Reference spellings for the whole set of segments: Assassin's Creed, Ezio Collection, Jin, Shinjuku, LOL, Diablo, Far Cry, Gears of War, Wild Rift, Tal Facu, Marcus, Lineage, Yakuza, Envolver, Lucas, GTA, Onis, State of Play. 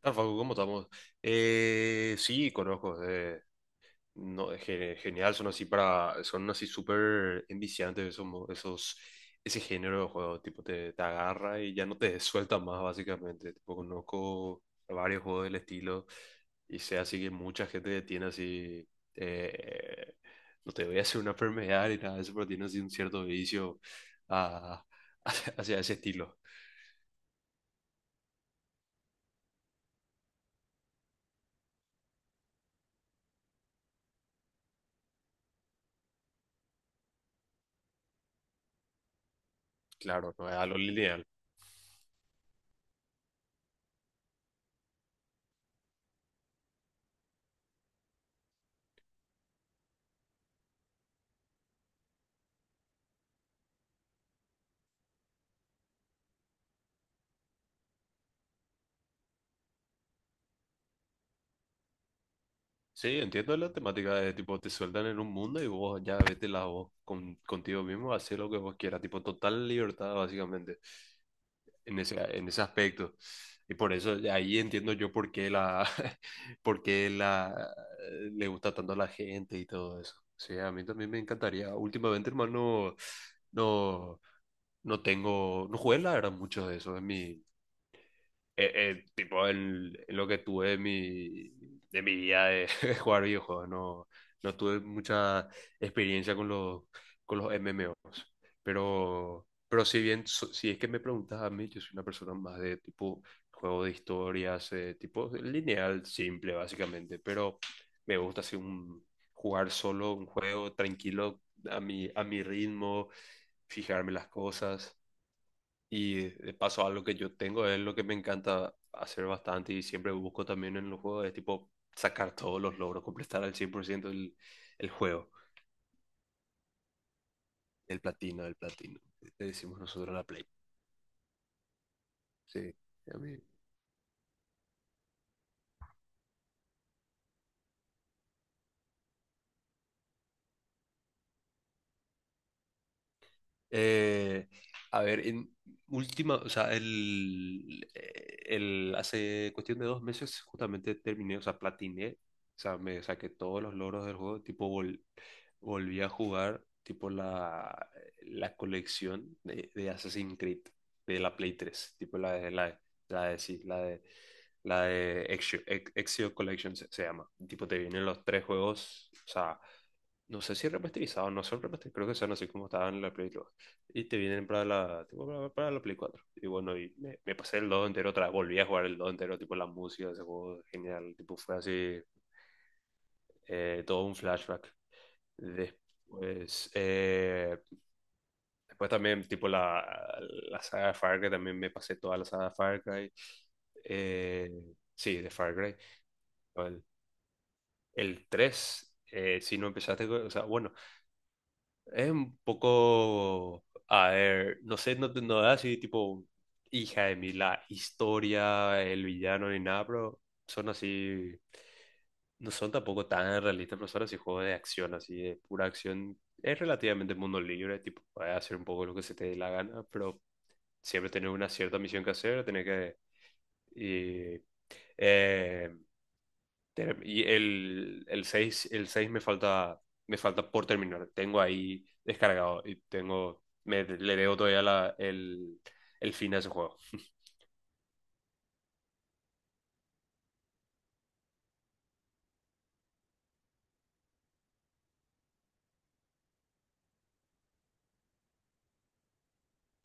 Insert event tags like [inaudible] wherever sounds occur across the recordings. Tal, Facu, ¿cómo estamos? Sí, conozco. No, es genial, son así son así súper enviciantes esos, esos, ese género de juego, tipo te agarra y ya no te [laughs] suelta más básicamente. Tipo, conozco varios juegos del estilo y sé así que mucha gente tiene así, eh, no te voy a hacer una enfermedad ni nada de eso, pero tiene así un cierto vicio a- [laughs] hacia ese estilo. Claro, no es algo lineal. Sí, entiendo la temática de tipo, te sueltan en un mundo y vos ya vete la voz contigo mismo, hacer lo que vos quieras, tipo, total libertad básicamente en ese aspecto. Y por eso de ahí entiendo yo [laughs] por qué la, le gusta tanto a la gente y todo eso. Sí, a mí también me encantaría. Últimamente, hermano, no, no tengo, no jugué la verdad mucho de eso, es eh, tipo en lo que tuve de de mi vida de, [laughs] de jugar videojuegos, no, no tuve mucha experiencia con con los MMOs, pero si bien, si es que me preguntas a mí, yo soy una persona más de tipo juego de historias, tipo lineal, simple básicamente, pero me gusta así jugar solo un juego tranquilo a a mi ritmo, fijarme las cosas. Y de paso, algo que yo tengo es lo que me encanta hacer bastante y siempre busco también en los juegos, es tipo sacar todos los logros, completar al 100% el juego, el platino, le decimos nosotros a la Play. Sí, a mí. Eh, a ver, en última, o sea, el, hace cuestión de 2 meses justamente terminé, o sea, platiné, o sea, me saqué todos los logros del juego, tipo volví a jugar, la colección de Assassin's Creed, de la Play tres tipo la la de, sí, la la de Ezio, Ezio Collection se llama, tipo te vienen los tres juegos, o sea, no sé si remasterizados, no son remasterizados, creo que son así como estaban en la Play y te vienen para para la Play cuatro. Y bueno, me pasé el 2 entero otra vez, volví a jugar el 2 entero, tipo la música de ese juego, genial, tipo fue así, todo un flashback. Después, después también, la saga de Far Cry, también me pasé toda la saga de Far Cry. Eh, sí, de Far Cry. El, el 3, si no empezaste, o sea, bueno, es un poco, a ver, no sé, no, no da así tipo hija de mí la historia, el villano ni nada, pero son así, no son tampoco tan realistas, pero son así juegos de acción, así de pura acción. Es relativamente mundo libre, tipo, puedes hacer un poco lo que se te dé la gana, pero siempre tener una cierta misión que hacer, tener que... Y, eh, el seis, el 6 me falta por terminar. Tengo ahí descargado y tengo, me, le debo todavía el fin a ese juego.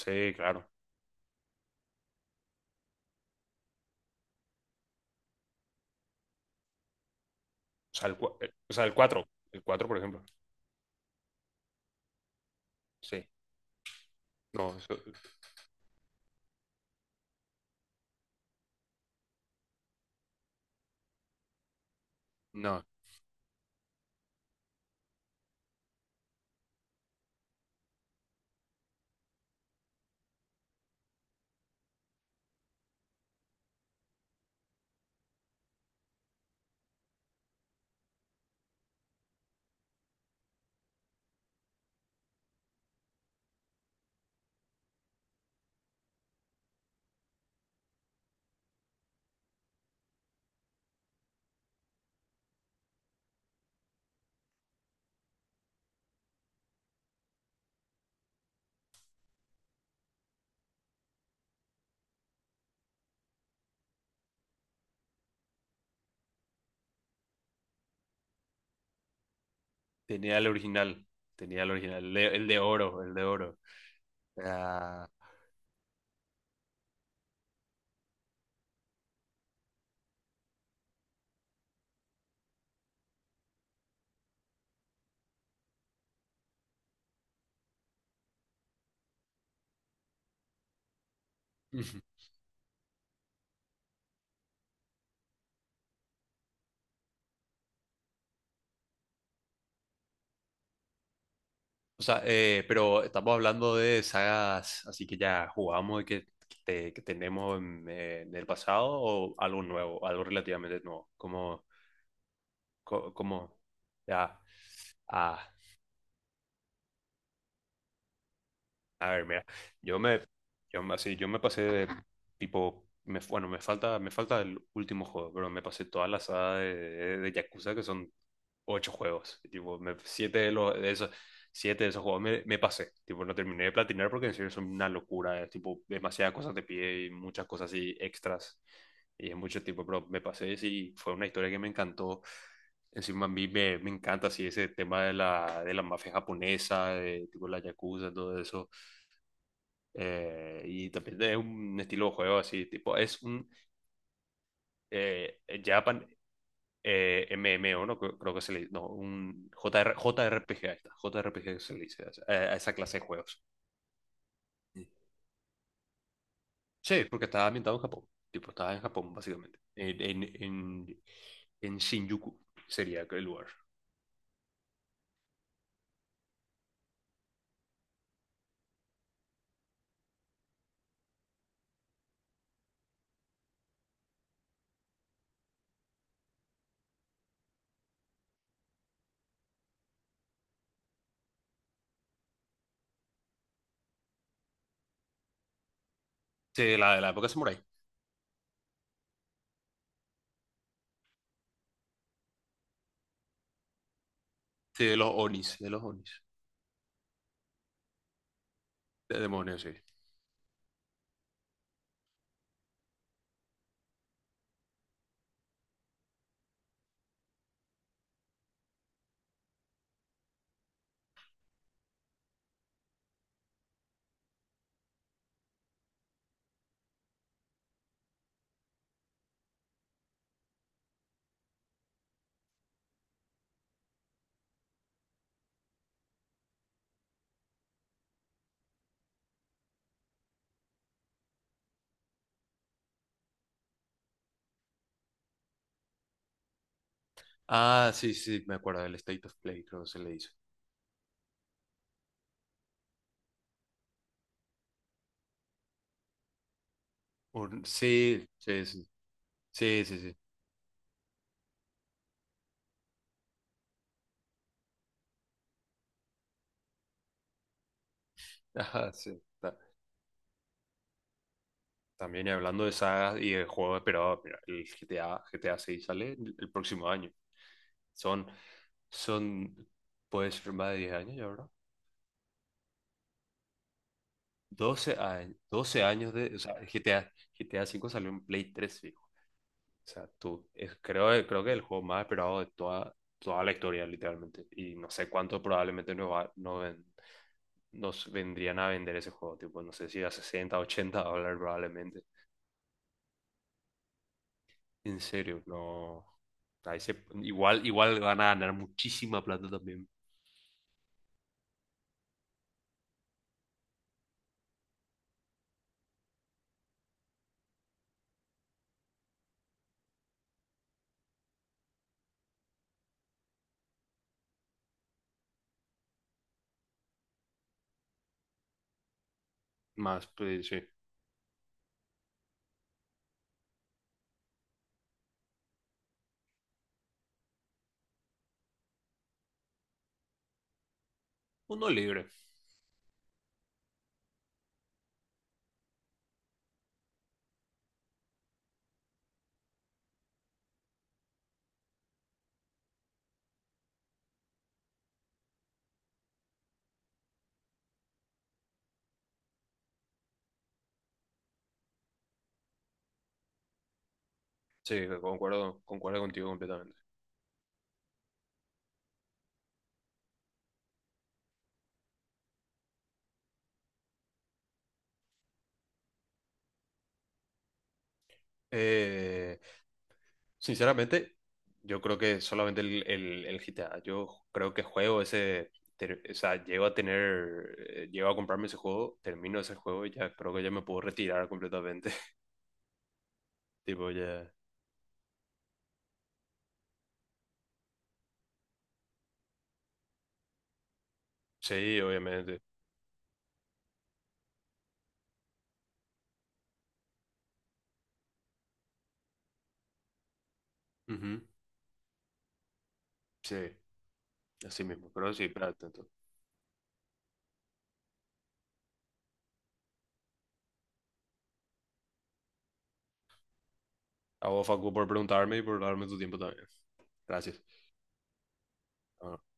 Sí, claro. O sea, o sea, el cuatro. El 4, por ejemplo. Sí. No, eso- no. Tenía el original. Tenía el original. El el de oro, el de oro. Ah. [laughs] O sea, pero estamos hablando de sagas así que ya jugamos y que tenemos en el pasado o algo nuevo, algo relativamente nuevo. Como, co- como, ya, ah, A ver, mira, yo me, yo así, yo me pasé de tipo, bueno, me falta el último juego, pero me pasé toda la saga de Yakuza que son ocho juegos, y, tipo, siete de de esos, siete de esos juegos me pasé, tipo, no terminé de platinar porque en serio son una locura, es tipo, demasiadas cosas te pide y muchas cosas así extras, y es mucho tiempo, pero me pasé y sí, fue una historia que me encantó. Encima a mí me encanta así ese tema de de la mafia japonesa, de tipo la yakuza, todo eso. Y también es un estilo de juego así, tipo, es un Japan, MMO, ¿no? Creo que se le dice, no, un JRPG, ahí está, J R P G se le dice a a esa clase de juegos. Sí, porque estaba ambientado en Japón, tipo, estaba en Japón, básicamente, en Shinjuku sería el lugar. Sí, de de la época samurai, sí, de los Onis, de los Onis, de demonios, sí. Ah, sí, sí, me acuerdo del State of Play, creo que se le dice. Un, sí, sí, sí, sí, sí, sí. Ajá, sí. También y hablando de sagas y de juegos esperados, mira, el GTA, GTA 6 sale el próximo año. Son, son, puede ser más de 10 años ya, ¿verdad? 12 años, 12 años de, o sea, el GTA, GTA 5 salió en Play 3 fijo. O sea, tú, creo, creo que es el juego más esperado de toda la historia, literalmente. Y no sé cuánto probablemente nos vendrían a vender ese juego, tipo, no sé si a $60 $80 probablemente. En serio, no. Igual, igual van a ganar muchísima plata también. Más, pues sí. Uno libre. Sí, concuerdo, concuerdo contigo completamente. Eh, Sinceramente, yo creo que solamente el GTA. Yo creo que juego ese. O sea, llego a tener. Llego a comprarme ese juego, termino ese juego y ya creo que ya me puedo retirar completamente. [laughs] Tipo, ya. Sí, obviamente. Ujú, sí, así mismo. Pero sí, plata. A vos, Facu, por preguntarme y por darme tu tiempo también. Gracias. Bueno.